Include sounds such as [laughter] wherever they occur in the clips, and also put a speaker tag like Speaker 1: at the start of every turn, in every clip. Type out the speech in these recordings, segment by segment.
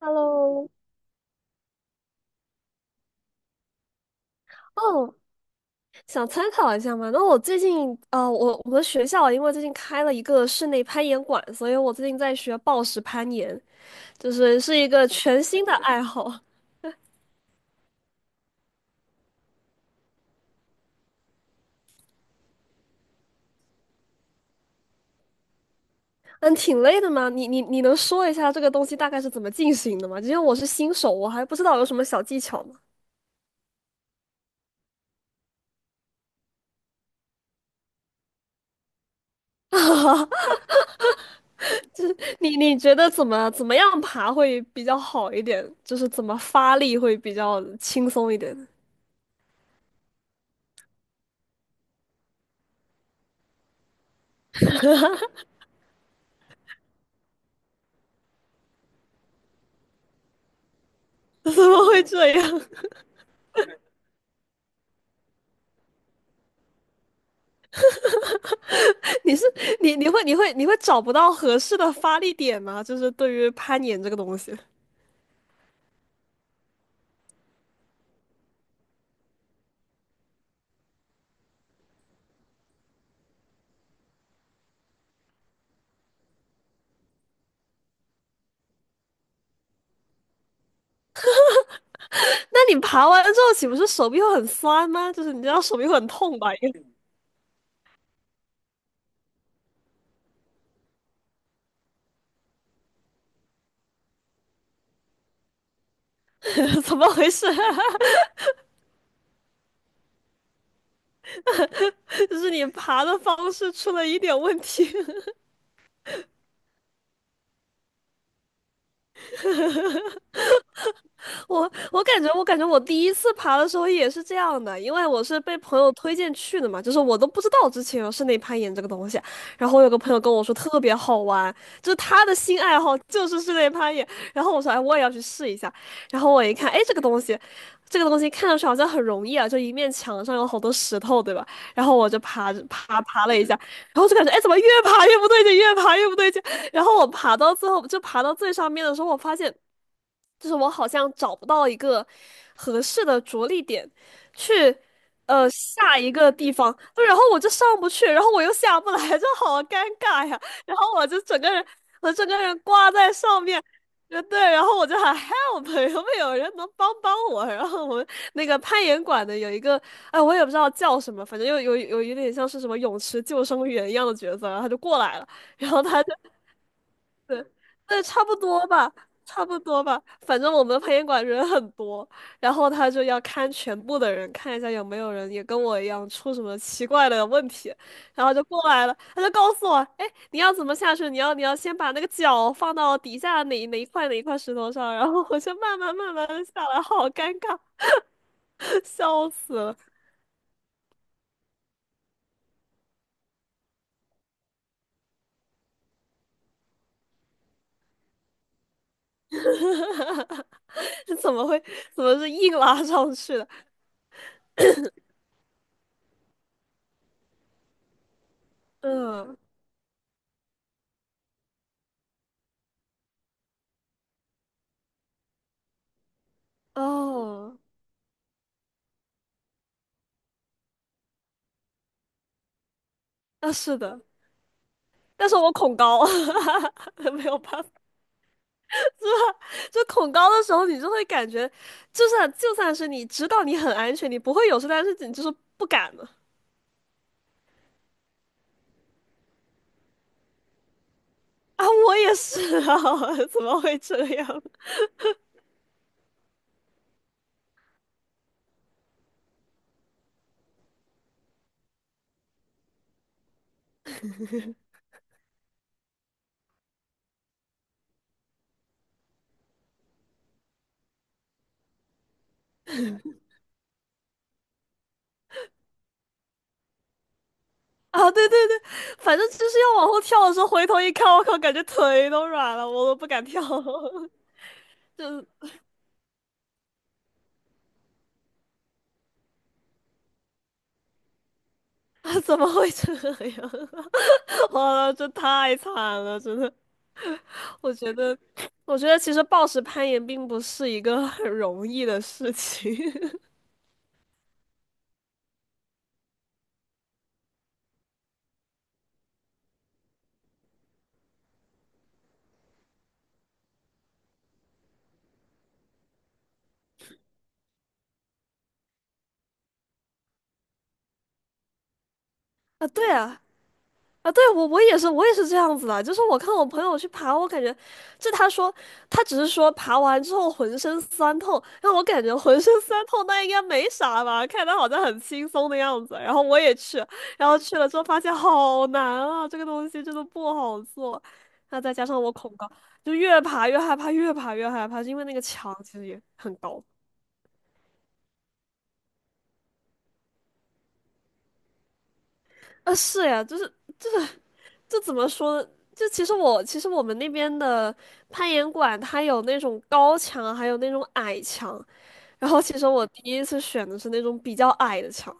Speaker 1: Hello，哦，想参考一下嘛？那我最近，啊，我们学校啊因为最近开了一个室内攀岩馆，所以我最近在学暴石攀岩，就是是一个全新的爱好。嗯，挺累的嘛。你能说一下这个东西大概是怎么进行的吗？因为我是新手，我还不知道有什么小技巧呢。[laughs] 你觉得怎么样爬会比较好一点？就是怎么发力会比较轻松一点？[laughs] 怎么会这样？你是你你会你会你会找不到合适的发力点吗？就是对于攀岩这个东西，[laughs] 那你爬完之后岂不是手臂会很酸吗？就是你知道手臂会很痛吧？应该 [laughs] 怎么回事啊 [laughs] 就是你爬的方式出了一点问题。我感觉我第一次爬的时候也是这样的，因为我是被朋友推荐去的嘛，就是我都不知道之前有室内攀岩这个东西。然后我有个朋友跟我说特别好玩，就是他的新爱好就是室内攀岩。然后我说，哎，我也要去试一下。然后我一看，哎，这个东西看上去好像很容易啊，就一面墙上有好多石头，对吧？然后我就爬着爬爬了一下，然后就感觉，哎，怎么越爬越不对劲，越爬越不对劲。然后我爬到最后，就爬到最上面的时候，我发现，就是我好像找不到一个合适的着力点去，下一个地方，然后我就上不去，然后我又下不来，就好尴尬呀。然后我就整个人，我整个人挂在上面。对，然后我就喊 help,有没有人能帮帮我？[laughs] 然后我们那个攀岩馆的有一个，哎，我也不知道叫什么，反正又有一点像是什么泳池救生员一样的角色，然后他就过来了，[laughs] 然后他就对，对，差不多吧，差不多吧。反正我们培训馆人很多，然后他就要看全部的人，看一下有没有人也跟我一样出什么奇怪的问题，然后就过来了，他就告诉我，哎，你要怎么下去？你要先把那个脚放到底下哪一块哪一块石头上，然后我就慢慢的下来，好尴尬，[laughs] 笑死了，这怎么会怎么是硬拉上去的？嗯，哦，那是的，但是我恐高，[laughs] 没有办法。就恐高的时候，你就会感觉，就算是你知道你很安全，你不会有事，但是你就是不敢了。啊，我也是啊，[laughs] 怎么会这样？啊，对对对，反正就是要往后跳的时候，回头一看，我靠，感觉腿都软了，我都不敢跳了。[laughs] 就啊，怎么会这样？[laughs] 哇，这太惨了，真的。我觉得，我觉得其实暴食攀岩并不是一个很容易的事情。[laughs] 啊，对啊。啊，对，我也是这样子的。就是我看我朋友去爬，我感觉，就他说他只是说爬完之后浑身酸痛，让我感觉浑身酸痛，那应该没啥吧？看他好像很轻松的样子。然后我也去，然后去了之后发现好难啊，这个东西真的不好做。那再加上我恐高，就越爬越害怕，越爬越害怕，就因为那个墙其实也很高。啊，是呀，就是。这怎么说呢？就其实我其实我们那边的攀岩馆，它有那种高墙，还有那种矮墙。然后其实我第一次选的是那种比较矮的墙，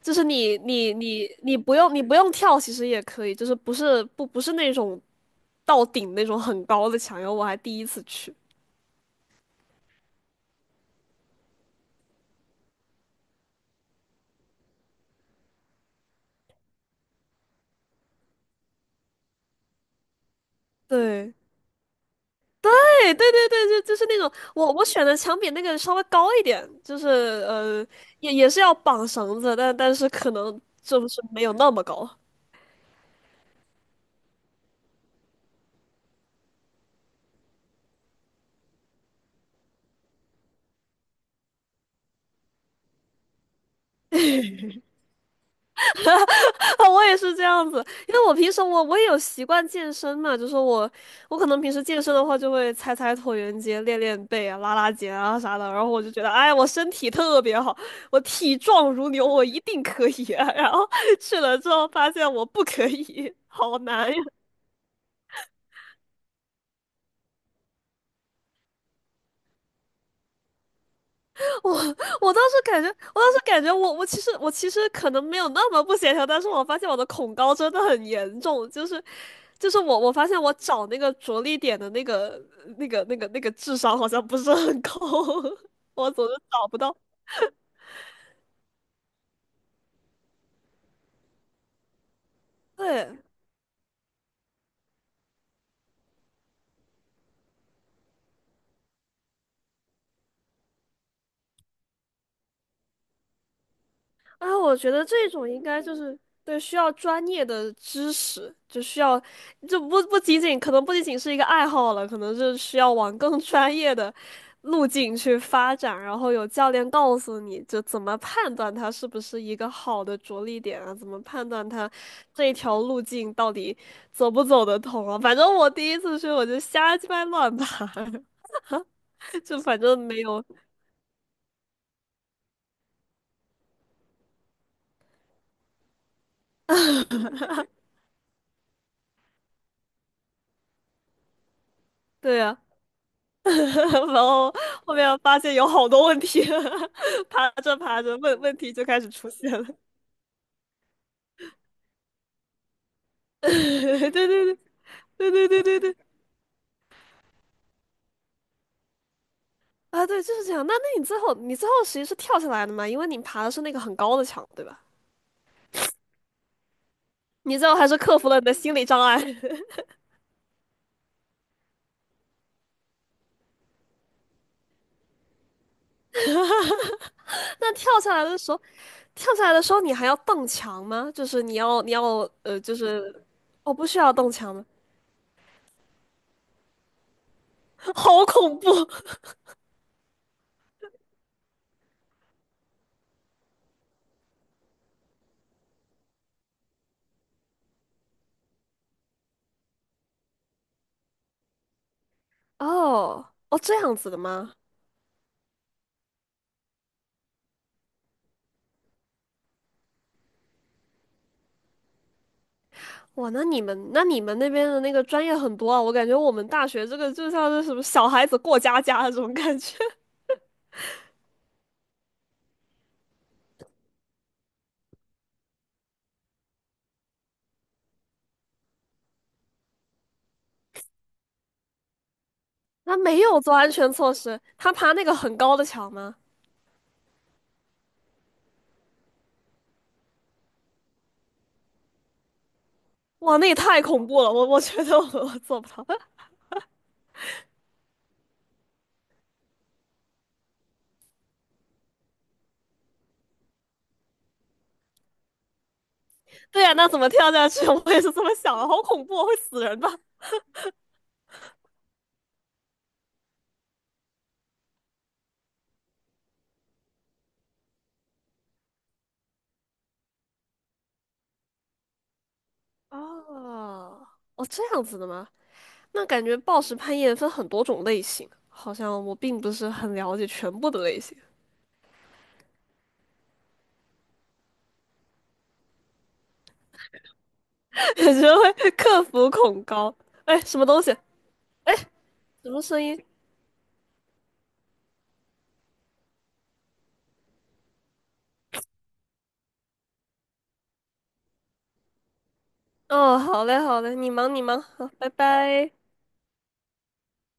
Speaker 1: 就是你不用不用跳，其实也可以，就是不是那种到顶那种很高的墙。然后我还第一次去，对。对，就就是那种我选的墙比那个稍微高一点，就是呃也是要绑绳子，但是可能就是没有那么高。[laughs] 我也是这样子，因为我平时也有习惯健身嘛，就是我我可能平时健身的话就会踩踩椭圆机、练练背啊、拉拉肩啊啥的，然后我就觉得，哎，我身体特别好，我体壮如牛，我一定可以啊。然后去了之后发现我不可以，好难呀。[laughs] 我我当时感觉，我当时感觉我其实可能没有那么不协调，但是我发现我的恐高真的很严重，就是我发现我找那个着力点的那个那个智商好像不是很高，[laughs] 我总是找不到。对，啊，我觉得这种应该就是对需要专业的知识，就需要，就不不仅仅可能不仅仅是一个爱好了，可能是需要往更 [laughs] 专业的路径去发展，然后有教练告诉你就怎么判断它是不是一个好的着力点啊，怎么判断它这一条路径到底走不走得通啊。反正我第一次去我就瞎鸡巴乱爬，[laughs] 就反正没有，对啊。[laughs] 然后后面发现有好多问题，[laughs] 爬着爬着问题就开始出现了。[laughs] 对对对对对对对对啊，对，就是这样。那那你最后其实是跳下来的嘛？因为你爬的是那个很高的墙，对吧？你最后还是克服了你的心理障碍。[laughs] 那跳下来的时候，跳下来的时候你还要蹬墙吗？就是你要呃，就是哦，不需要蹬墙吗？[laughs] 好恐怖 [laughs] 哦哦，这样子的吗？哇，那你们那边的那个专业很多啊，我感觉我们大学这个就像是什么小孩子过家家 [laughs] 的这种感觉，[laughs] 他没有做安全措施，他爬那个很高的墙吗？哇，那也太恐怖了，我觉得我做不到。[laughs] 对呀、那怎么跳下去？[laughs] 我也是这么想的，好恐怖啊，会死人吧？[laughs] 哦，哦，这样子的吗？那感觉暴食攀岩分很多种类型，好像我并不是很了解全部的类型，[laughs] 感觉会克服恐高。哎，什么东西？什么声音？哦，好嘞，好嘞，你忙你忙，好，拜拜。